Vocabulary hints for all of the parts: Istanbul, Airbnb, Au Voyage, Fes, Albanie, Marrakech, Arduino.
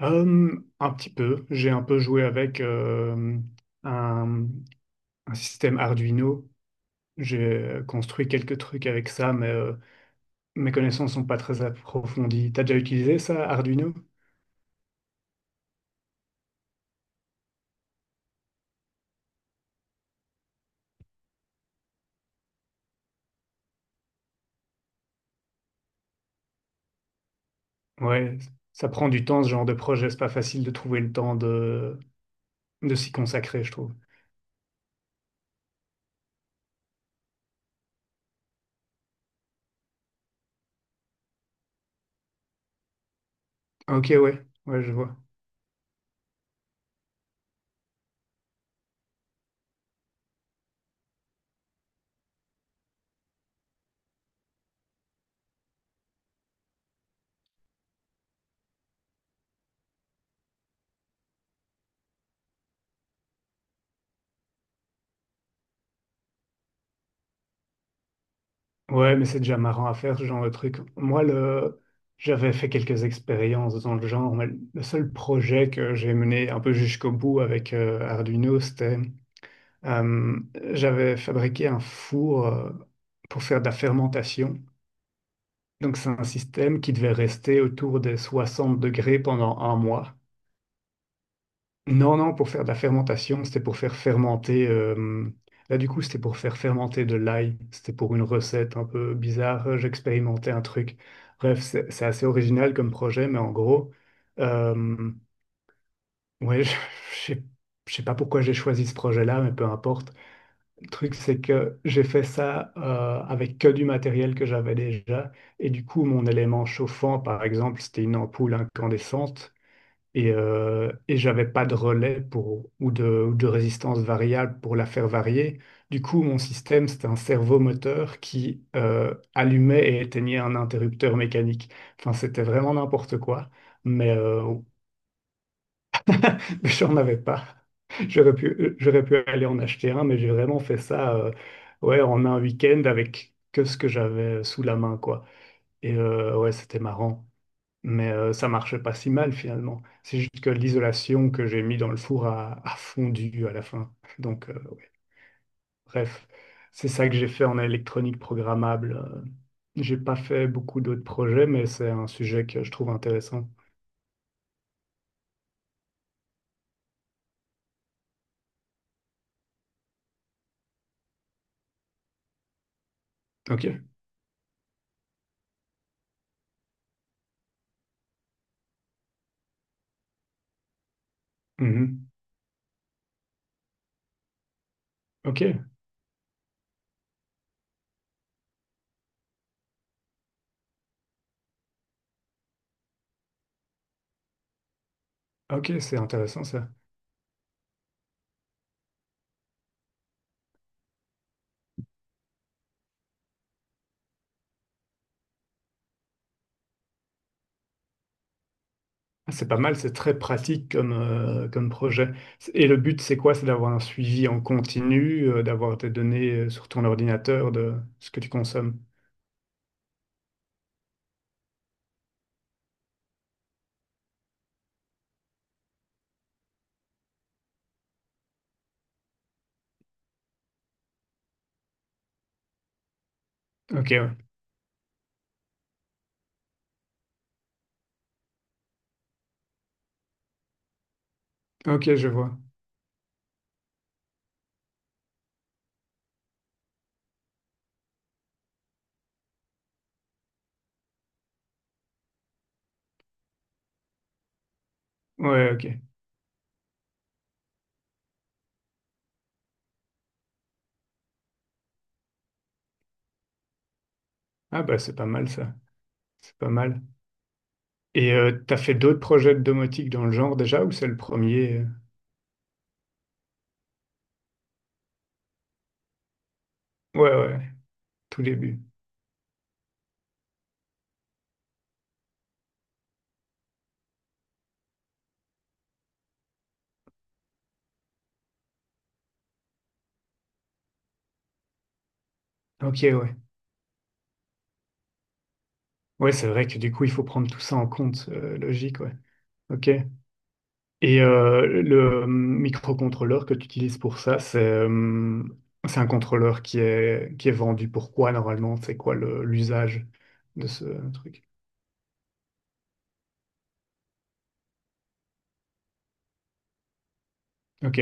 Euh, un petit peu. J'ai un peu joué avec un, un système Arduino. J'ai construit quelques trucs avec ça, mais mes connaissances sont pas très approfondies. T'as déjà utilisé ça, Arduino? Ouais, ça prend du temps, ce genre de projet. C'est pas facile de trouver le temps de s'y consacrer, je trouve. Ok, ouais, ouais, je vois. Ouais, mais c'est déjà marrant à faire ce genre de truc. Moi, le j'avais fait quelques expériences dans le genre, mais le seul projet que j'ai mené un peu jusqu'au bout avec Arduino, c'était euh, j'avais fabriqué un four pour faire de la fermentation. Donc, c'est un système qui devait rester autour des 60 degrés pendant un mois. Non, non, pour faire de la fermentation, c'était pour faire fermenter. Là, du coup, c'était pour faire fermenter de l'ail. C'était pour une recette un peu bizarre. J'expérimentais un truc. Bref, c'est assez original comme projet, mais en gros, euh, ouais, je sais je sais pas pourquoi j'ai choisi ce projet-là, mais peu importe. Le truc, c'est que j'ai fait ça avec que du matériel que j'avais déjà. Et du coup, mon élément chauffant, par exemple, c'était une ampoule incandescente. Et j'avais pas de relais pour, ou ou de résistance variable pour la faire varier. Du coup, mon système, c'était un servomoteur qui allumait et éteignait un interrupteur mécanique. Enfin, c'était vraiment n'importe quoi, mais j'en avais pas. J'aurais pu aller en acheter un, mais j'ai vraiment fait ça ouais, en un week-end avec que ce que j'avais sous la main, quoi. Et ouais, c'était marrant. Mais ça marchait pas si mal finalement. C'est juste que l'isolation que j'ai mis dans le four a fondu à la fin. Donc, ouais. Bref, c'est ça que j'ai fait en électronique programmable. J'ai pas fait beaucoup d'autres projets, mais c'est un sujet que je trouve intéressant. Ok. Mhm. Ok. Ok, c'est intéressant ça. Ah, c'est pas mal, c'est très pratique comme, comme projet. Et le but, c'est quoi? C'est d'avoir un suivi en continu, d'avoir tes données sur ton ordinateur de ce que tu consommes. Ok, ouais. Ok, je vois. Ouais, ok. Ah bah c'est pas mal ça. C'est pas mal. Et t'as fait d'autres projets de domotique dans le genre déjà ou c'est le premier? Ouais, ouais, tout début. Ok, ouais. Ouais, c'est vrai que du coup, il faut prendre tout ça en compte, logique, ouais. Ok. Et le microcontrôleur que tu utilises pour ça, c'est un contrôleur qui est vendu pour quoi normalement? C'est quoi le l'usage de ce truc? Ok,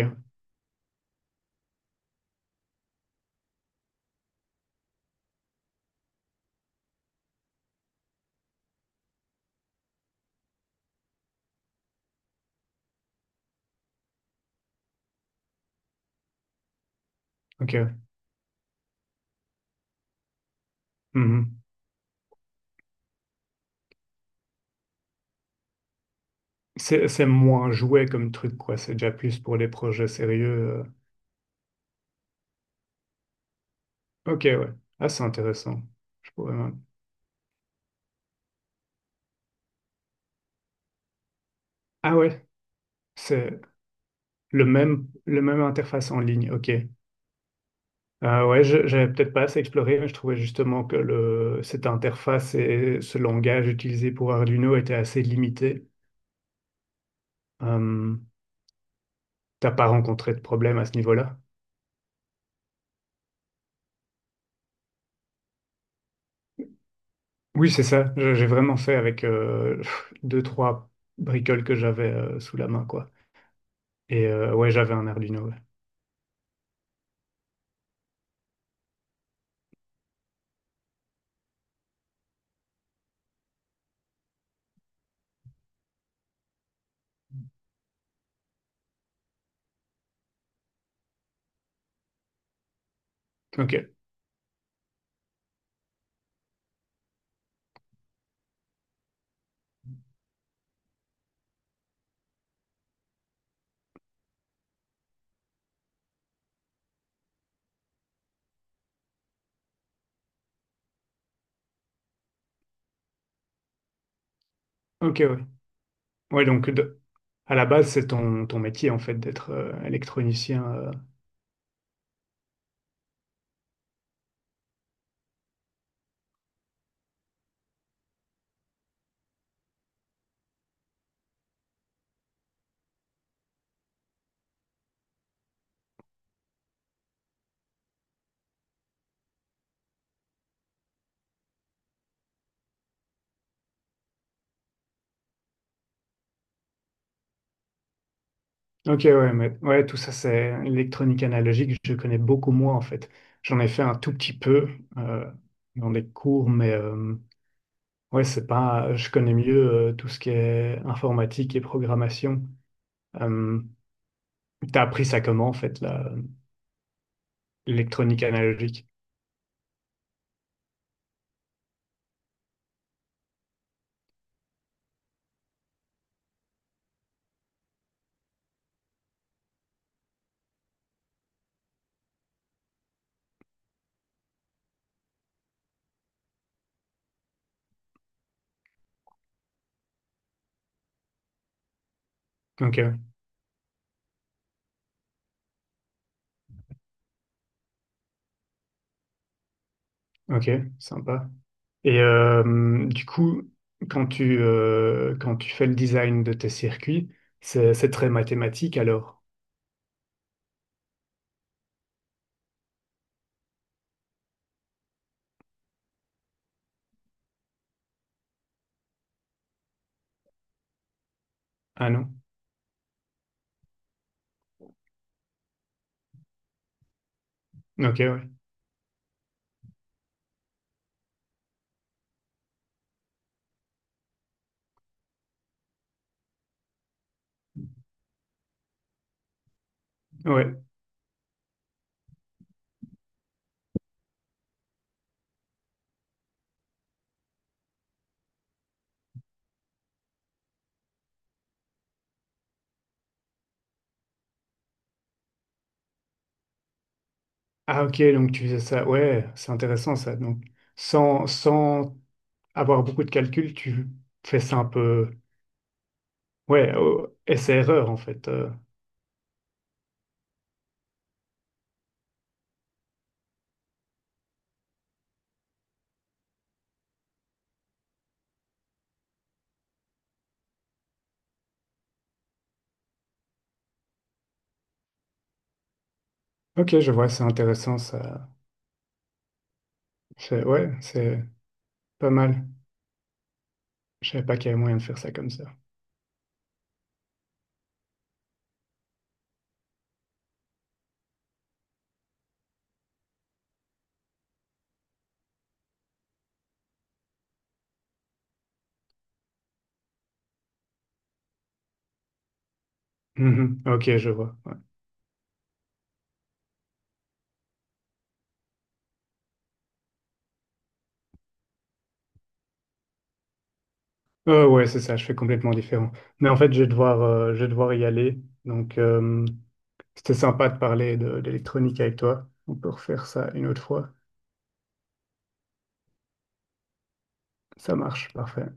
ok. Mhm. C'est moins jouet comme truc, quoi. C'est déjà plus pour les projets sérieux. Ok, ouais. Ah, c'est intéressant. Je pourrais même Ah ouais, c'est le même interface en ligne. Ok. Ah ouais, je j'avais peut-être pas assez exploré, mais je trouvais justement que le, cette interface et ce langage utilisé pour Arduino était assez limité. Euh, t'as pas rencontré de problème à ce niveau-là? Oui, c'est ça. Je j'ai vraiment fait avec pff, deux, trois bricoles que j'avais sous la main, quoi. Et ouais, j'avais un Arduino. Ouais. Ok. Ok, ouais. Ouais, donc de à la base, c'est ton, ton métier en fait d'être électronicien. Ok, ouais, mais ouais, tout ça, c'est électronique analogique. Je connais beaucoup moins en fait. J'en ai fait un tout petit peu euh, dans des cours, mais ouais, c'est pas. Je connais mieux tout ce qui est informatique et programmation. Euh, t'as appris ça comment en fait là? Électronique analogique. Ok, ok, sympa. Et du coup, quand tu fais le design de tes circuits, c'est très mathématique alors? Ah non? Ok, ouais. Ouais. Ah ok, donc tu faisais ça. Ouais, c'est intéressant ça. Donc, sans, sans avoir beaucoup de calculs, tu fais ça un peu Ouais, oh, essai-erreur en fait. Ok, je vois, c'est intéressant ça. C'est Ouais, c'est pas mal. Je savais pas qu'il y avait moyen de faire ça comme ça. Mhm. Ok, je vois. Ouais. Ouais, c'est ça, je fais complètement différent. Mais en fait, je vais devoir y aller. Donc, c'était sympa de parler de d'électronique avec toi. On peut refaire ça une autre fois. Ça marche, parfait.